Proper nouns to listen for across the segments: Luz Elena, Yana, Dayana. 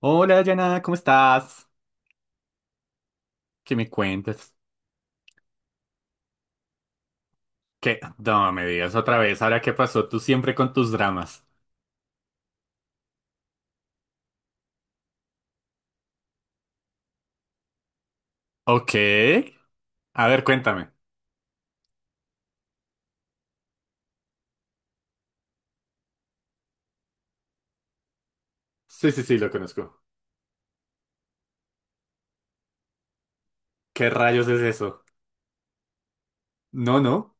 Hola, Yana, ¿cómo estás? ¿Qué me cuentas? ¿Qué? No me digas otra vez, ahora qué pasó tú siempre con tus dramas. Ok. A ver, cuéntame. Sí, sí, sí, lo conozco. ¿Qué rayos es eso? No, no.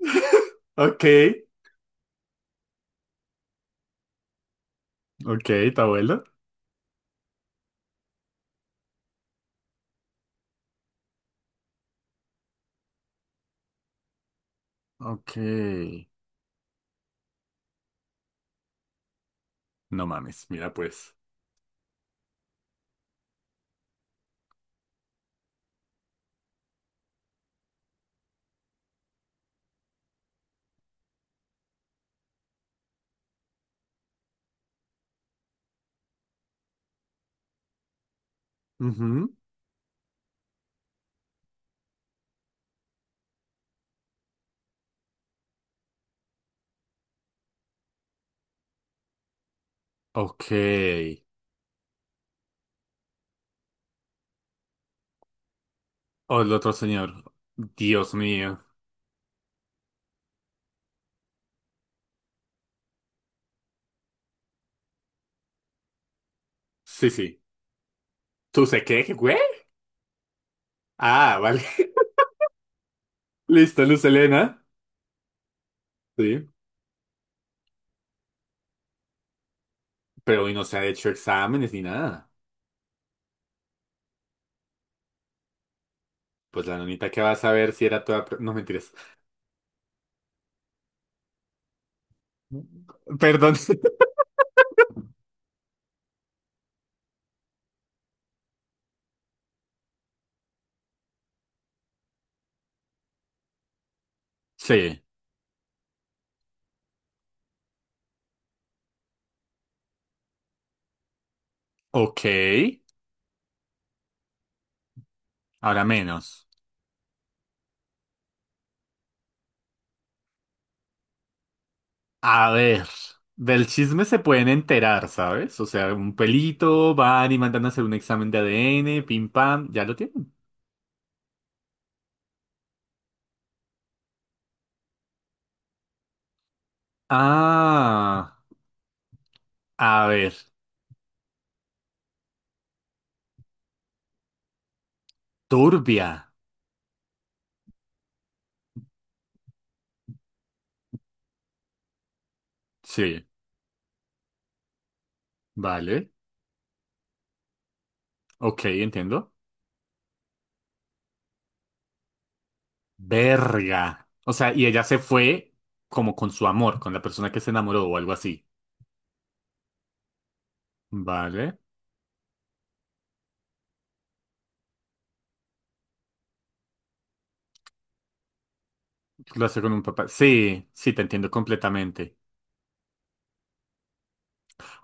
Ok. Ok, ¿tu abuelo? Ok. No mames, mira pues. Ujú. Ok. O el otro señor. Dios mío. Sí, sí. ¿Tú sé qué, güey? Ah, vale. Listo, Luz Elena. Sí. Pero hoy no se ha hecho exámenes ni nada. Pues la nonita que va a saber si era toda... No, mentiras. Perdón. Sí. Ok. Ahora menos. A ver. Del chisme se pueden enterar, ¿sabes? O sea, un pelito, van y mandan a hacer un examen de ADN, pim pam, ya lo tienen. Ah, a ver. Turbia. Sí, vale. Ok, entiendo. Verga. O sea, y ella se fue como con su amor, con la persona que se enamoró o algo así. Vale. Lo hace con un papá. Sí, sí, te entiendo completamente.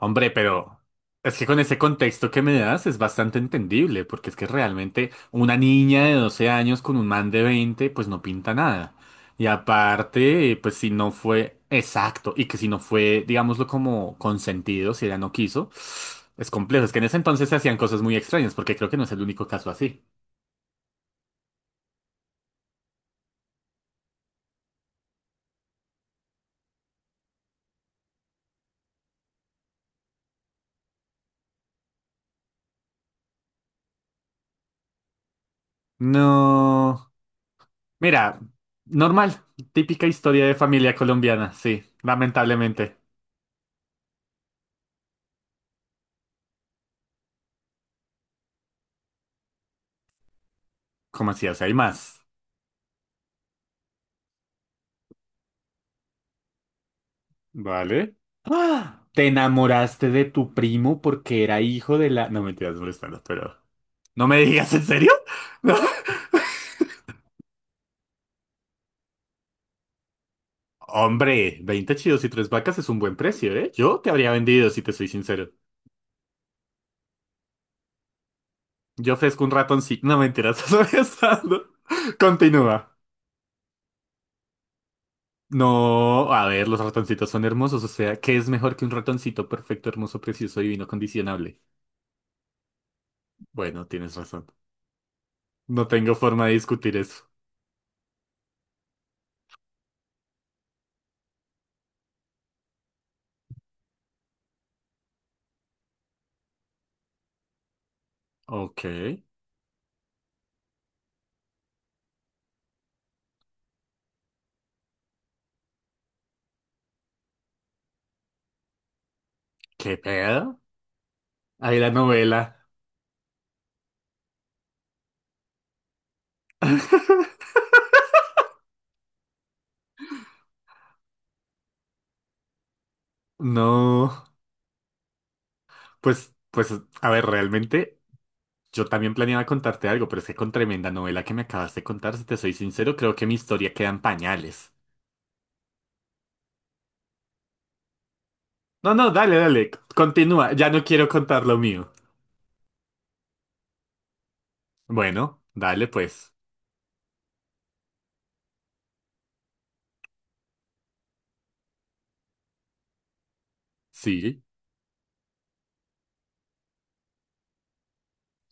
Hombre, pero es que con ese contexto que me das es bastante entendible, porque es que realmente una niña de 12 años con un man de 20 pues no pinta nada. Y aparte, pues si no fue exacto, y que si no fue, digámoslo, como consentido, si ella no quiso, es complejo. Es que en ese entonces se hacían cosas muy extrañas, porque creo que no es el único caso así. No. Mira, normal, típica historia de familia colombiana, sí, lamentablemente. ¿Cómo así? O sea, hay más. Vale. ¡Ah! Te enamoraste de tu primo porque era hijo de la... No, mentiras, molestando, pero... ¿No me digas en serio? Hombre, 20 chidos y tres vacas es un buen precio, ¿eh? Yo te habría vendido, si te soy sincero. Yo ofrezco un ratoncito. No, mentiras, molestando. Continúa. No, a ver, los ratoncitos son hermosos, o sea, ¿qué es mejor que un ratoncito perfecto, hermoso, precioso, divino, condicionable? Bueno, tienes razón. No tengo forma de discutir eso. Ok, ¿qué pedo? Ahí la novela. No, pues, a ver, realmente yo también planeaba contarte algo, pero es que con tremenda novela que me acabas de contar, si te soy sincero, creo que mi historia queda en pañales. No, no, dale, dale, continúa, ya no quiero contar lo mío. Bueno, dale pues, sí.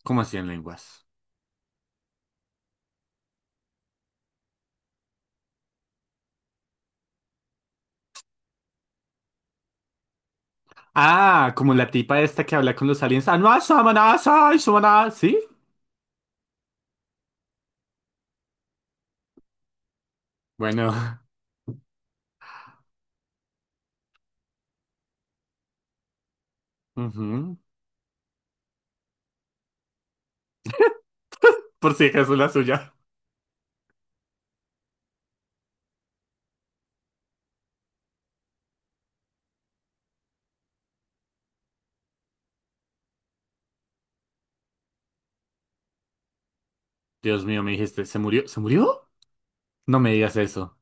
¿Cómo así en lenguas? Ah, como la tipa esta que habla con los aliens. Ah, no, ah, samana, ah, sai, samana. ¿Sí? Bueno. ujú. Por si acaso la suya. Dios mío, me dijiste, ¿se murió? ¿Se murió? No me digas eso.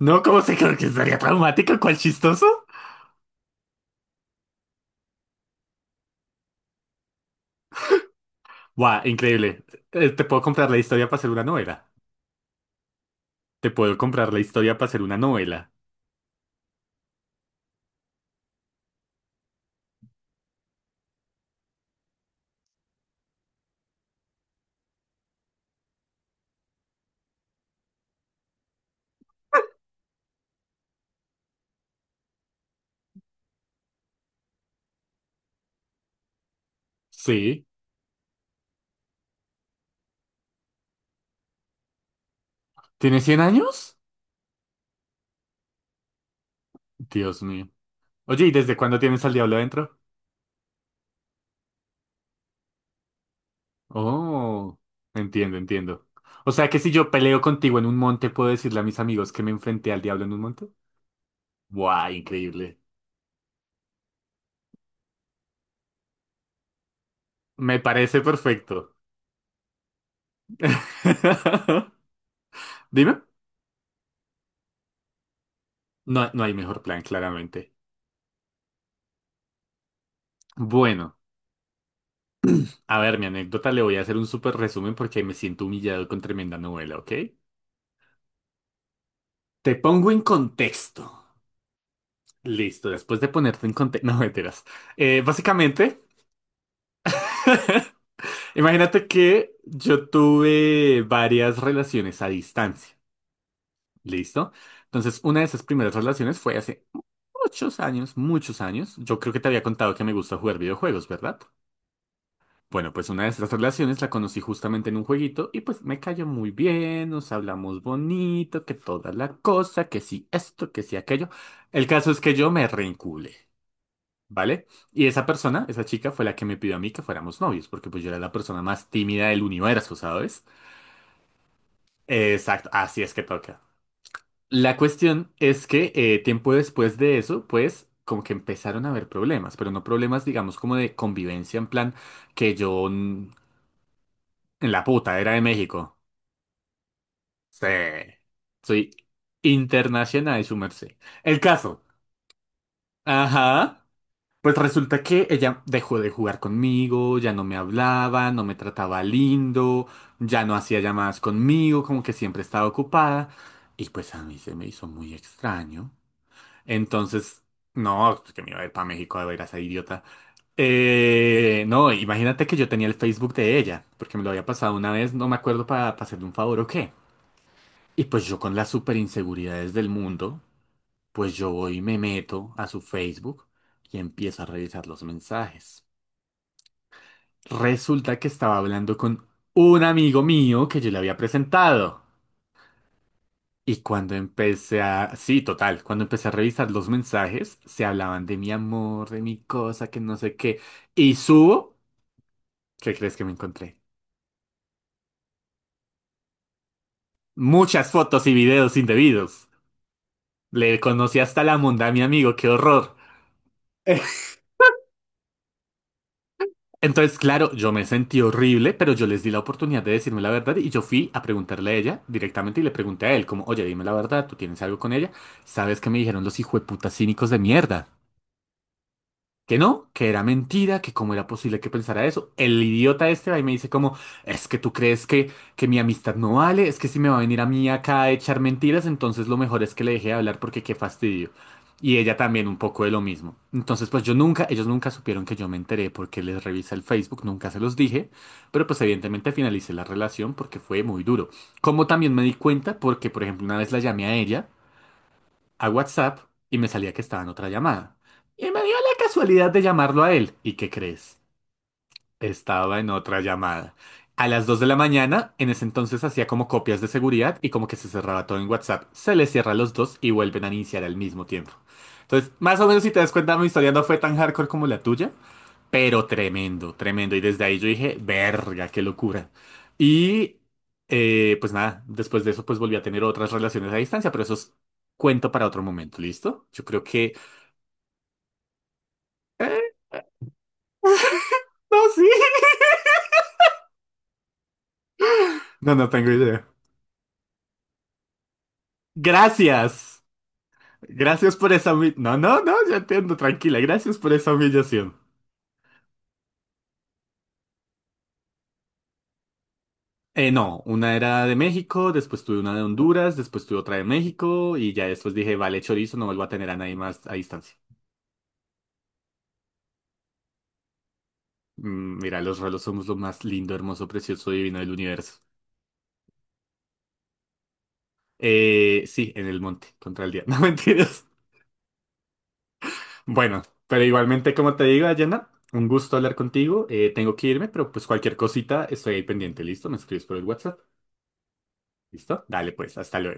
No, ¿cómo se creo que estaría traumático? ¿Cuál chistoso? Buah, increíble. Te puedo comprar la historia para hacer una novela. Te puedo comprar la historia para hacer una novela. Sí. ¿Tienes 100 años? Dios mío. Oye, ¿y desde cuándo tienes al diablo adentro? Oh, entiendo, entiendo. O sea que si yo peleo contigo en un monte, ¿puedo decirle a mis amigos que me enfrenté al diablo en un monte? ¡Guau! Increíble. Me parece perfecto. Dime. No, no hay mejor plan, claramente. Bueno, a ver, mi anécdota le voy a hacer un súper resumen porque me siento humillado con tremenda novela, ¿ok? Te pongo en contexto. Listo, después de ponerte en contexto. No, mentiras. Básicamente, imagínate que yo tuve varias relaciones a distancia. Listo. Entonces, una de esas primeras relaciones fue hace muchos años, muchos años. Yo creo que te había contado que me gusta jugar videojuegos, ¿verdad? Bueno, pues una de esas relaciones la conocí justamente en un jueguito y pues me cayó muy bien, nos hablamos bonito, que toda la cosa, que sí esto, que sí aquello. El caso es que yo me reenculé, ¿vale? Y esa persona, esa chica, fue la que me pidió a mí que fuéramos novios, porque pues yo era la persona más tímida del universo, ¿sabes? Exacto, así es que toca. La cuestión es que tiempo después de eso, pues como que empezaron a haber problemas, pero no problemas, digamos, como de convivencia, en plan que yo en la puta era de México. Sí. Soy internacional, su merced. El caso. Ajá. Pues resulta que ella dejó de jugar conmigo, ya no me hablaba, no me trataba lindo, ya no hacía llamadas conmigo, como que siempre estaba ocupada. Y pues a mí se me hizo muy extraño. Entonces, no, que me iba a ir para México a ver a esa idiota. No, imagínate que yo tenía el Facebook de ella, porque me lo había pasado una vez, no me acuerdo para hacerle un favor o qué. Y pues yo con las super inseguridades del mundo, pues yo voy y me meto a su Facebook y empiezo a revisar los mensajes. Resulta que estaba hablando con un amigo mío que yo le había presentado. Y cuando empecé a... Sí, total, cuando empecé a revisar los mensajes, se hablaban de mi amor, de mi cosa, que no sé qué. Y subo, ¿qué crees que me encontré? Muchas fotos y videos indebidos. Le conocí hasta la monda a mi amigo, qué horror. Entonces, claro, yo me sentí horrible, pero yo les di la oportunidad de decirme la verdad y yo fui a preguntarle a ella directamente y le pregunté a él, como, oye, dime la verdad, ¿tú tienes algo con ella? ¿Sabes qué me dijeron los hijueputas cínicos de mierda? Que no, que era mentira, que cómo era posible que pensara eso. El idiota este va y me dice como, es que tú crees que, mi amistad no vale, es que si me va a venir a mí acá a echar mentiras, entonces lo mejor es que le deje de hablar porque qué fastidio. Y ella también un poco de lo mismo. Entonces pues yo nunca, ellos nunca supieron que yo me enteré porque les revisé el Facebook, nunca se los dije, pero pues evidentemente finalicé la relación porque fue muy duro. Como también me di cuenta porque, por ejemplo, una vez la llamé a ella a WhatsApp y me salía que estaba en otra llamada. Y me dio la casualidad de llamarlo a él. ¿Y qué crees? Estaba en otra llamada. A las 2 de la mañana, en ese entonces hacía como copias de seguridad y como que se cerraba todo en WhatsApp. Se le cierra a los dos y vuelven a iniciar al mismo tiempo. Entonces, más o menos si te das cuenta, mi historia no fue tan hardcore como la tuya, pero tremendo, tremendo. Y desde ahí yo dije, verga, qué locura. Y pues nada, después de eso pues volví a tener otras relaciones a distancia, pero eso es cuento para otro momento, ¿listo? Yo creo que... No, sí. No, no tengo idea. Gracias. Gracias por esa... No, no, no, ya entiendo, tranquila. Gracias por esa humillación. No, una era de México, después tuve una de Honduras, después tuve otra de México y ya después dije, vale, chorizo, no vuelvo a tener a nadie más a distancia. Mira, los rolos somos lo más lindo, hermoso, precioso, divino del universo. Sí, en el monte, contra el día. No mentiras. Bueno, pero igualmente, como te digo, Dayana, un gusto hablar contigo. Tengo que irme, pero pues cualquier cosita estoy ahí pendiente. ¿Listo? Me escribes por el WhatsApp. ¿Listo? Dale, pues, hasta luego.